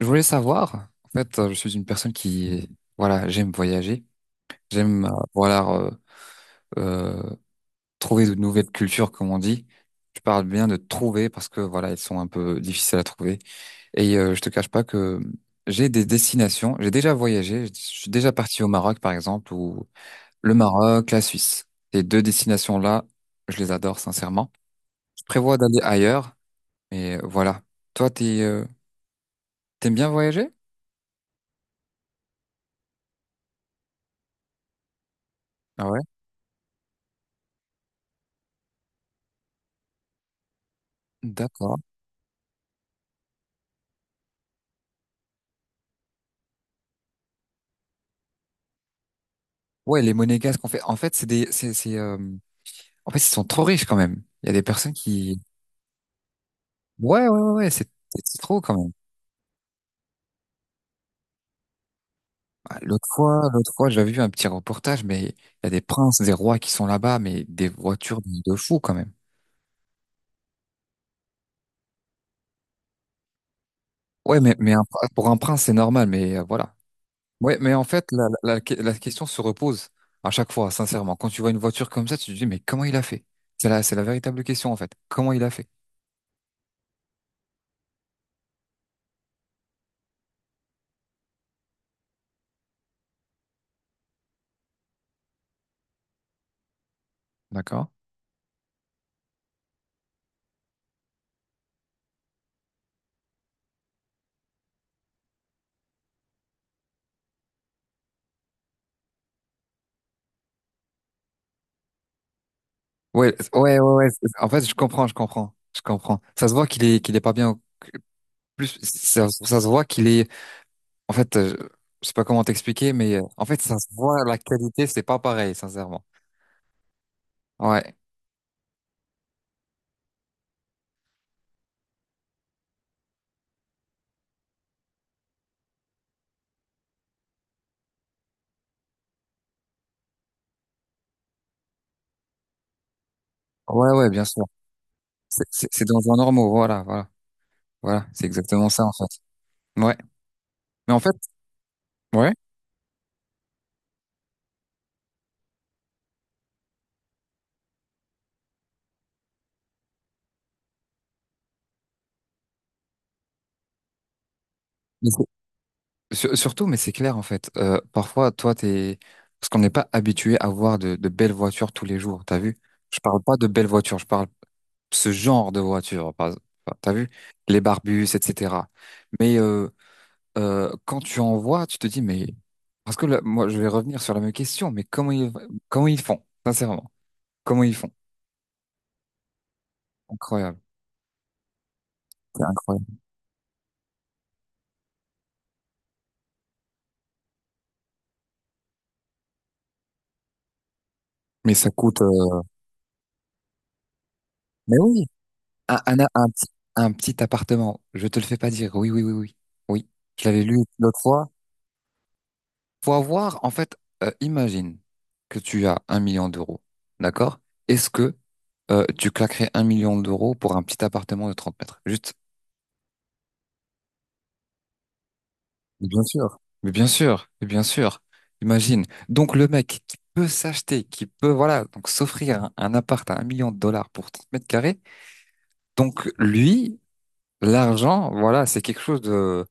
Je voulais savoir, en fait, je suis une personne qui, voilà, j'aime voyager, j'aime, voilà, euh, trouver de nouvelles cultures, comme on dit. Je parle bien de trouver parce que, voilà, elles sont un peu difficiles à trouver. Et je te cache pas que j'ai des destinations, j'ai déjà voyagé, je suis déjà parti au Maroc, par exemple, ou le Maroc, la Suisse. Ces deux destinations-là, je les adore, sincèrement. Je prévois d'aller ailleurs, mais voilà. Toi, t'aimes bien voyager? Ah ouais. D'accord. Ouais, les monégasques, en fait, c'est des, c'est, en fait, ils sont trop riches quand même. Il y a des personnes qui, ouais, ouais, ouais, ouais, c'est trop quand même. Ah, L'autre fois, j'avais vu un petit reportage, mais il y a des princes, des rois qui sont là-bas, mais des voitures de fous quand même. Ouais, mais pour un prince, c'est normal, mais voilà. Ouais, mais en fait, la question se repose à chaque fois, sincèrement. Quand tu vois une voiture comme ça, tu te dis, mais comment il a fait? C'est la véritable question, en fait. Comment il a fait? D'accord? Ouais, ouais, ouais, ouais. En fait, je comprends, je comprends, je comprends. Ça se voit qu'il est pas bien. Plus, ça se voit qu'il est. En fait, je sais pas comment t'expliquer, mais en fait, ça se voit la qualité, c'est pas pareil, sincèrement. Ouais, ouais, ouais, bien sûr. C'est dans un normaux, voilà, voilà, voilà. C'est exactement ça, en fait. Ouais, mais en fait, ouais. mais c'est- surtout, mais c'est clair, en fait. Parfois, toi, t'es parce qu'on n'est pas habitué à voir de belles voitures tous les jours. T'as vu? Je parle pas de belles voitures, je parle ce genre de voiture, par exemple. Enfin, t'as vu? Les Barbus, etc. Mais quand tu en vois, tu te dis, mais. Parce que là, moi, je vais revenir sur la même question, mais comment ils font? Sincèrement, comment ils font? Incroyable. C'est incroyable. Mais ça coûte. Mais oui, un, un, un petit, un petit appartement, je te le fais pas dire. Oui, oui, oui, oui. Oui, je l'avais lu l'autre fois. Faut avoir, en fait, imagine que tu as 1 million d'euros, d'accord? Est-ce que tu claquerais 1 million d'euros pour un petit appartement de 30 mètres? Juste. Mais bien sûr. Mais bien sûr, mais bien sûr. Imagine. Donc le mec qui peut s'acheter, qui peut, voilà, donc s'offrir un appart à 1 million de dollars pour 30 mètres carrés, donc lui, l'argent, voilà, c'est quelque chose de,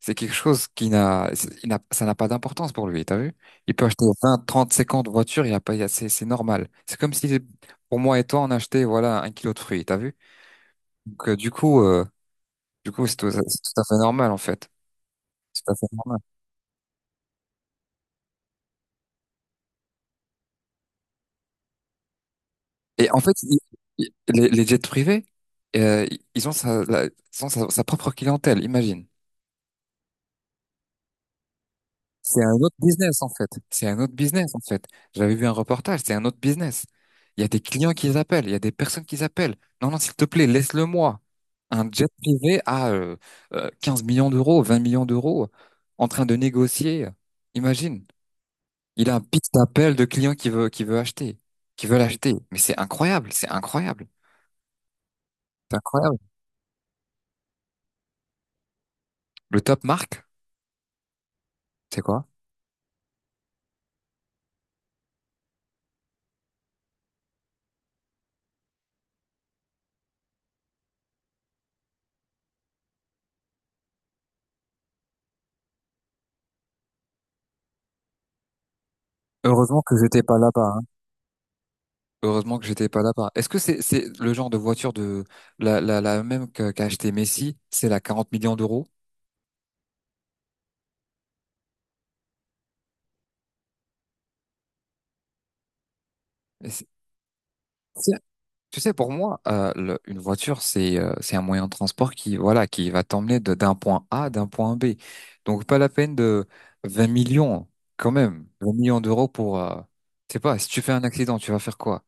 c'est quelque chose qui n'a, c'est- il n'a- ça n'a pas d'importance pour lui, t'as vu? Il peut acheter 20, 30, 50 voitures, il y a pas, il y a- c'est normal. C'est comme si, pour moi et toi, on achetait, voilà, un kilo de fruits, t'as vu? Donc, du coup, c'est tout à fait normal, en fait. C'est tout à fait normal. Et en fait, les jets privés, euh, ils ont sa propre clientèle, imagine. C'est un autre business en fait. C'est un autre business en fait. J'avais vu un reportage, c'est un autre business. Il y a des clients qui appellent, il y a des personnes qui appellent. Non, non, s'il te plaît, laisse-le moi. Un jet privé à 15 millions d'euros, 20 millions d'euros, en train de négocier. Imagine, il a un pitch d'appel de clients qui veulent acheter. Mais c'est incroyable, c'est incroyable, c'est incroyable. Le top marque, c'est quoi? Heureusement que j'étais pas là-bas, hein. Heureusement que j'étais pas là. Est-ce que c'est le genre de voiture de la même qu'a acheté Messi, c'est la 40 millions d'euros? Et c'est- c'est- Tu sais, pour moi, une voiture c'est un moyen de transport qui voilà qui va t'emmener d'un point A à d'un point B. Donc pas la peine de 20 millions quand même. 20 millions d'euros pour je sais pas. Si tu fais un accident, tu vas faire quoi?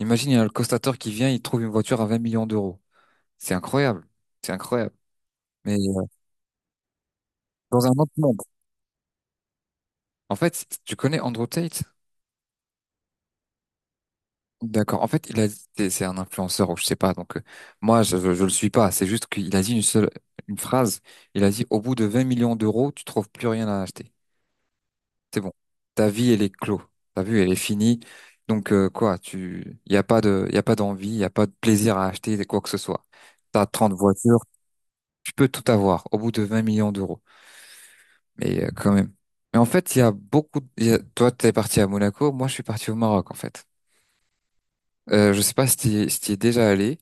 Imagine il y a le constateur qui vient, il trouve une voiture à 20 millions d'euros. C'est incroyable, c'est incroyable. Mais dans un autre monde. En fait, tu connais Andrew Tate? D'accord. En fait, il a dit, c'est un influenceur ou je sais pas. Donc moi, je le suis pas. C'est juste qu'il a dit une phrase. Il a dit au bout de 20 millions d'euros, tu trouves plus rien à acheter. C'est bon. Ta vie, elle est clos. Ta vie, elle est finie. Donc quoi, y a pas d'envie, y a pas de plaisir à acheter quoi que ce soit. T'as 30 voitures, tu peux tout avoir au bout de 20 millions d'euros. Mais quand même. Mais en fait, il y a beaucoup. Toi, t'es parti à Monaco. Moi, je suis parti au Maroc en fait. Je sais pas si t'y es déjà allé.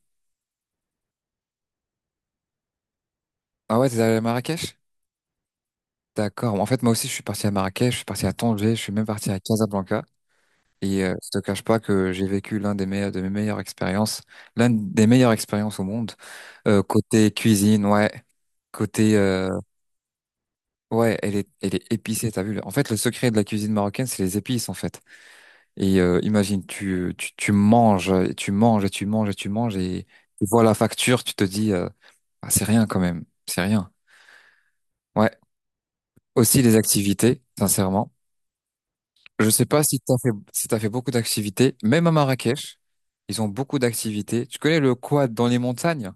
Ah ouais, t'es allé à Marrakech? D'accord. En fait, moi aussi, je suis parti à Marrakech, je suis parti à Tanger, je suis même parti à Casablanca. Et je te cache pas que j'ai vécu l'un des meilleurs, de mes meilleures expériences, l'une des meilleures expériences au monde. Côté cuisine, ouais. Côté, ouais, elle est épicée, t'as vu. En fait, le secret de la cuisine marocaine, c'est les épices, en fait. Et imagine, tu manges, et tu manges, et tu manges, et tu manges, et tu vois la facture, tu te dis, ah, c'est rien quand même, c'est rien. Ouais. Aussi les activités, sincèrement. Je sais pas si t'as fait beaucoup d'activités. Même à Marrakech, ils ont beaucoup d'activités. Tu connais le quad dans les montagnes?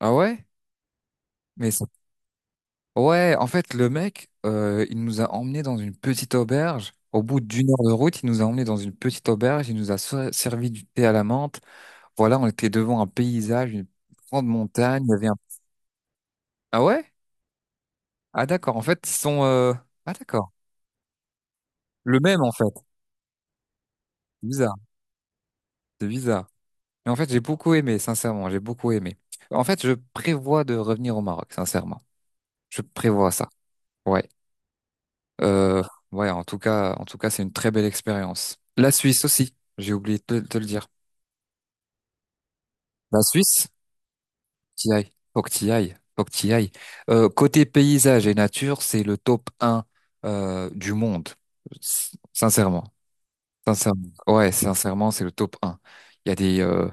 Ah ouais? Mais c'est- ouais, en fait, le mec, il nous a emmenés dans une petite auberge. Au bout d'1 heure de route, il nous a emmenés dans une petite auberge. Il nous a servi du thé à la menthe. Voilà, on était devant un paysage, une grande montagne. Il y avait un. Ah ouais? Ah d'accord. En fait, ils sont. Ah d'accord. Le même en fait. C'est bizarre. C'est bizarre. Mais en fait, j'ai beaucoup aimé, sincèrement, j'ai beaucoup aimé. En fait, je prévois de revenir au Maroc, sincèrement. Je prévois ça. Ouais. Euh, ouais, en tout cas, c'est une très belle expérience. La Suisse aussi, j'ai oublié de te le dire. La Suisse, t'y ailles. Faut que t'y ailles. Faut que t'y ailles. Côté paysage et nature, c'est le top un du monde. Sincèrement. Sincèrement. Ouais, sincèrement, c'est le top un. Il y a des,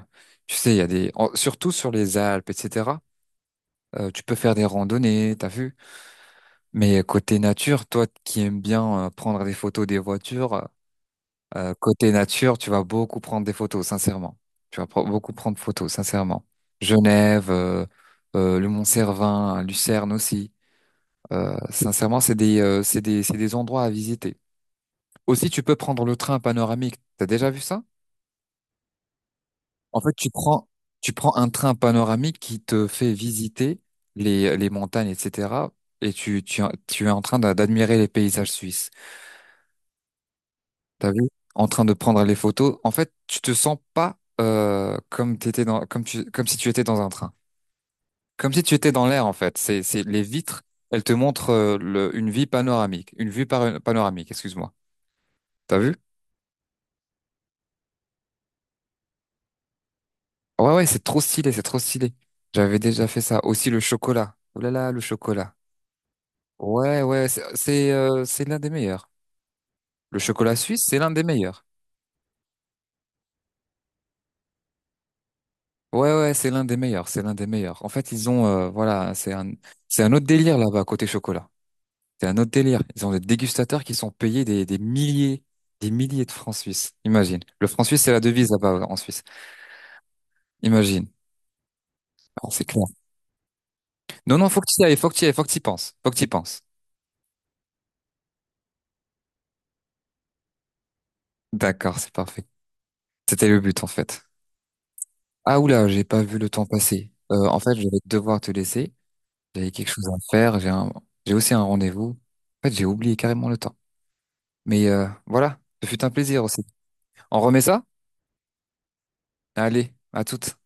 tu sais, il y a des, en- surtout sur les Alpes, etc. Tu peux faire des randonnées, t'as vu? Mais côté nature, toi qui aimes bien prendre des photos des voitures, côté nature, tu vas beaucoup prendre des photos, sincèrement. Tu vas beaucoup prendre photos, sincèrement. Genève, le Mont-Cervin, Lucerne aussi. Sincèrement, c'est des endroits à visiter. Aussi, tu peux prendre le train panoramique. T'as déjà vu ça? En fait, tu prends un train panoramique qui te fait visiter les montagnes, etc. Et tu es en train d'admirer les paysages suisses. T'as vu? En train de prendre les photos. En fait, tu te sens pas comme t'étais dans, comme tu, comme si tu étais dans un train. Comme si tu étais dans l'air, en fait. C'est les vitres. Elles te montrent une vie panoramique, une vue panoramique. Excuse-moi. T'as vu? Ouais, ouais, c'est trop stylé, c'est trop stylé. J'avais déjà fait ça. Aussi le chocolat. Oh là là, le chocolat. Ouais, ouais, c'est l'un des meilleurs. Le chocolat suisse, c'est l'un des meilleurs. Ouais, ouais, c'est l'un des meilleurs, c'est l'un des meilleurs. En fait, ils ont, voilà, c'est un autre délire là-bas côté chocolat. C'est un autre délire. Ils ont des dégustateurs qui sont payés des milliers, des milliers de francs suisses. Imagine. Le franc suisse, c'est la devise là-bas en Suisse. Imagine. Ah, c'est clair. Non, non, faut que tu y ailles, faut que tu y ailles, faut que tu y penses, faut que tu y penses. D'accord, c'est parfait. C'était le but en fait. Ah oula, j'ai pas vu le temps passer. En fait, je vais devoir te laisser. J'avais quelque chose à faire. J'ai aussi un rendez-vous. En fait, j'ai oublié carrément le temps. Mais voilà, ce fut un plaisir aussi. On remet ça? Allez, à toutes.